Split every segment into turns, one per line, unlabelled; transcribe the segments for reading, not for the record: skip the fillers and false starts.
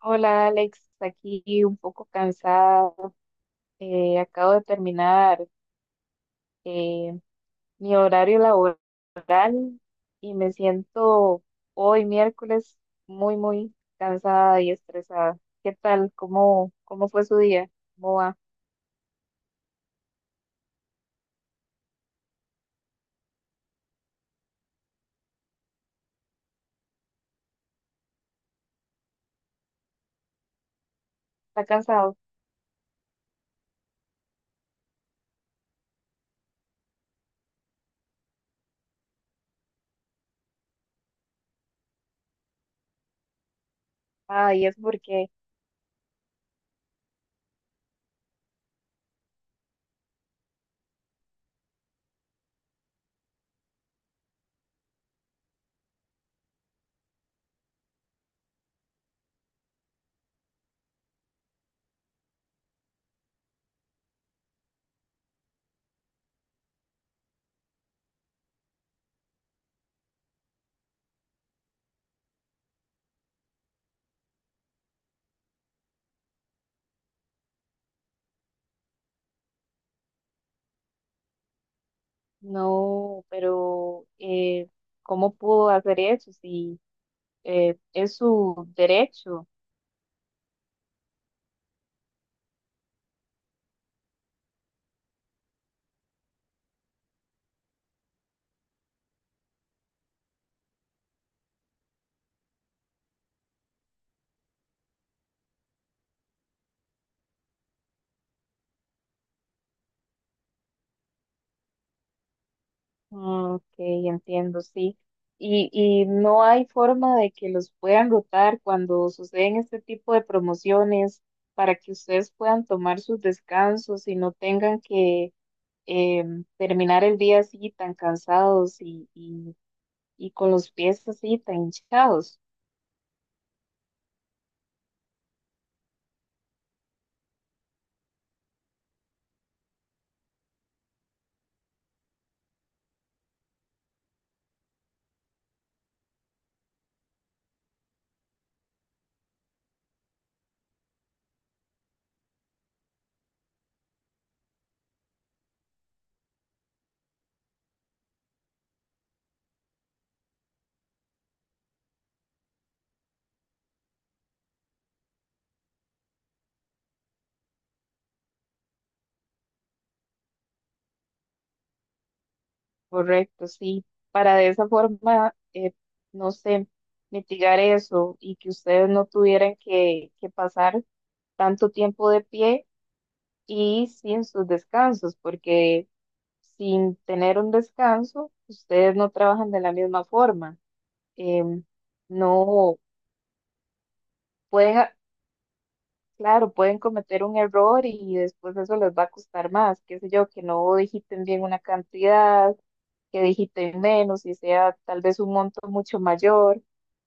Hola Alex, aquí un poco cansada. Acabo de terminar eh, mi horario laboral y me siento hoy miércoles muy, muy cansada y estresada. ¿Qué tal? ¿Cómo fue su día? ¿Cómo va? ¿Está cansado? Ah, y es porque no, pero ¿cómo pudo hacer eso? Si es su derecho. Mm, Ok, entiendo, sí. Y no hay forma de que los puedan rotar cuando suceden este tipo de promociones para que ustedes puedan tomar sus descansos y no tengan que terminar el día así tan cansados y con los pies así tan hinchados. Correcto, sí. Para de esa forma, no sé, mitigar eso y que ustedes no tuvieran que pasar tanto tiempo de pie y sin sus descansos, porque sin tener un descanso, ustedes no trabajan de la misma forma. Em, no pueden, claro, pueden cometer un error y después eso les va a costar más, qué sé yo, que no digiten bien una cantidad, que digiten menos y sea tal vez un monto mucho mayor.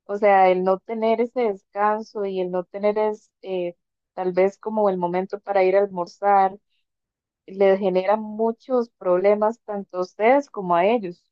O sea, el no tener ese descanso y el no tener tal vez como el momento para ir a almorzar les genera muchos problemas tanto a ustedes como a ellos.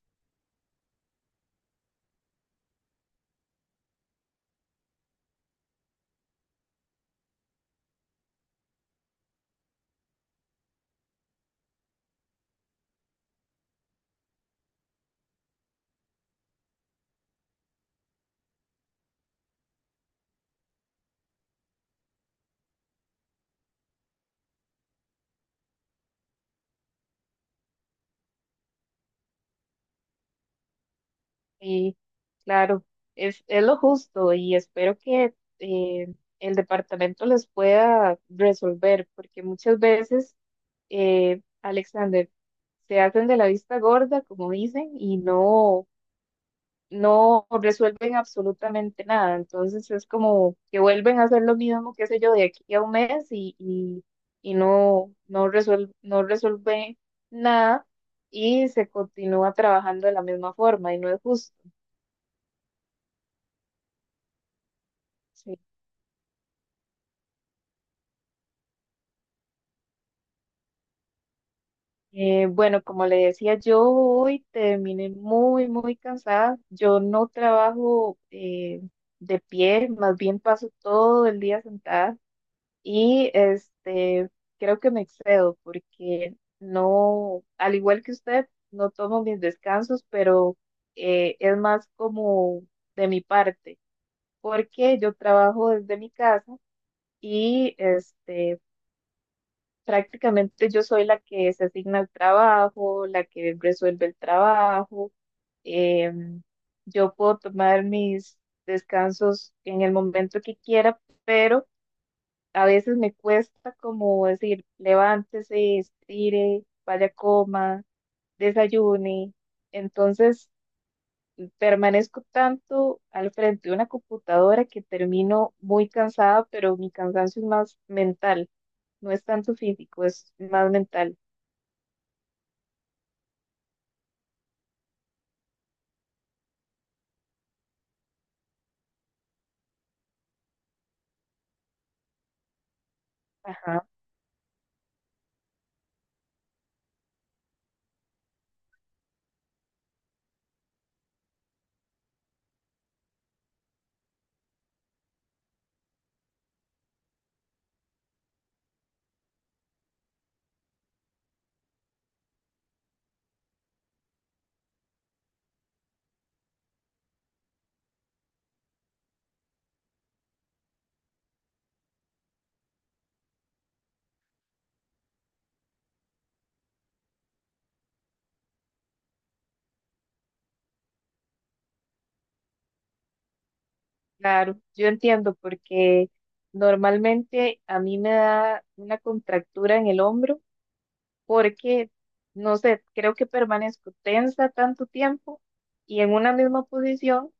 Y claro, es lo justo y espero que eh, el departamento les pueda resolver, porque muchas veces, Alexander, se hacen de la vista gorda, como dicen, y no resuelven absolutamente nada. Entonces es como que vuelven a hacer lo mismo, qué sé yo, de aquí a un mes y no, no resuelve nada y se continúa trabajando de la misma forma y no es justo. Sí. Bueno, como le decía, yo hoy terminé muy, muy cansada. Yo no trabajo de pie, más bien paso todo el día sentada. Y este, creo que me excedo porque no, al igual que usted, no tomo mis descansos, pero es más como de mi parte, porque yo trabajo desde mi casa y este, prácticamente yo soy la que se asigna el trabajo, la que resuelve el trabajo. em, yo puedo tomar mis descansos en el momento que quiera, pero a veces me cuesta como decir, levántese, estire, vaya, coma, desayune. Entonces, permanezco tanto al frente de una computadora que termino muy cansada, pero mi cansancio es más mental, no es tanto físico, es más mental. Ajá, claro, yo entiendo porque normalmente a mí me da una contractura en el hombro porque, no sé, creo que permanezco tensa tanto tiempo y en una misma posición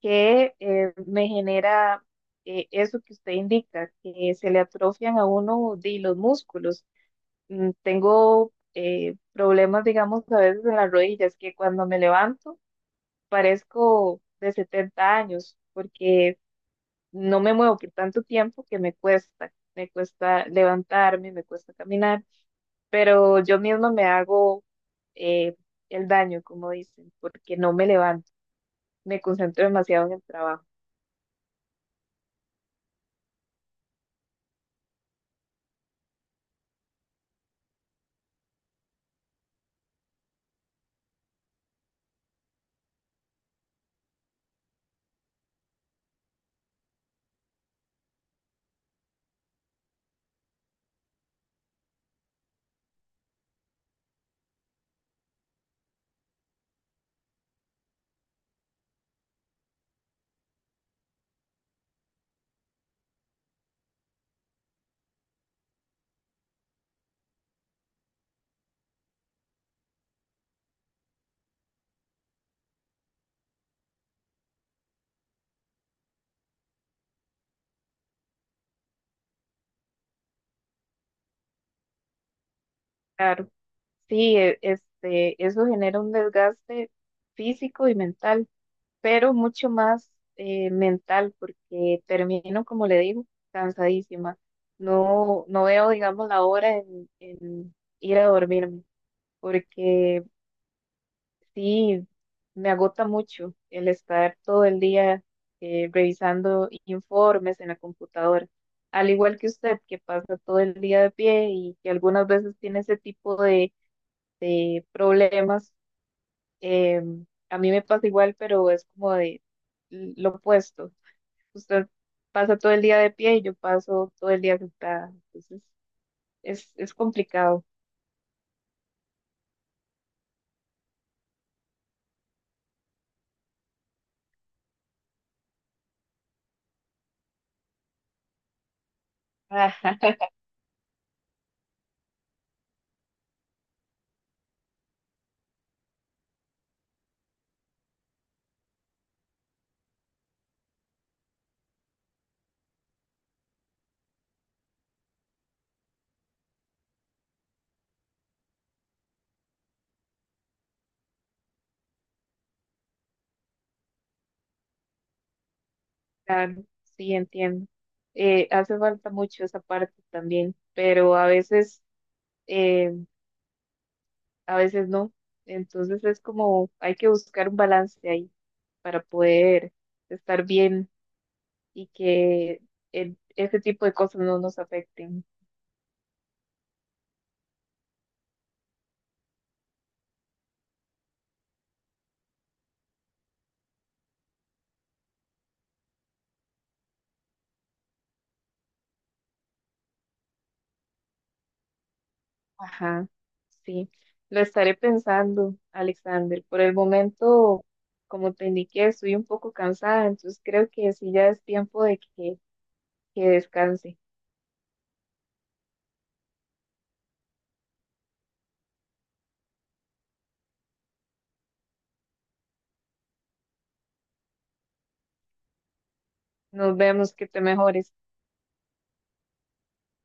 que me genera eso que usted indica, que se le atrofian a uno de los músculos. Tengo problemas, digamos, a veces en las rodillas, que cuando me levanto parezco de 70 años, porque no me muevo por tanto tiempo que me cuesta levantarme, me cuesta caminar pero yo misma me hago eh, el daño, como dicen, porque no me levanto, me concentro demasiado en el trabajo. Claro, sí, este, eso genera un desgaste físico y mental, pero mucho más mental, porque termino, como le digo, cansadísima. No, no veo, digamos, la hora en ir a dormirme, porque, sí, me agota mucho el estar todo el día revisando informes en la computadora. Al igual que usted, que pasa todo el día de pie y que algunas veces tiene ese tipo de problemas, eh, a mí me pasa igual, pero es como de lo opuesto. Usted pasa todo el día de pie y yo paso todo el día sentada. Entonces, es complicado. Claro, sí, entiendo. Hace falta mucho esa parte también, pero eh, a veces no. Entonces es como hay que buscar un balance ahí para poder estar bien y que ese tipo de cosas no nos afecten. Ajá, sí. Lo estaré pensando, Alexander. Por el momento, como te indiqué, estoy un poco cansada, entonces creo que sí ya es tiempo de que descanse. Nos vemos, que te mejores.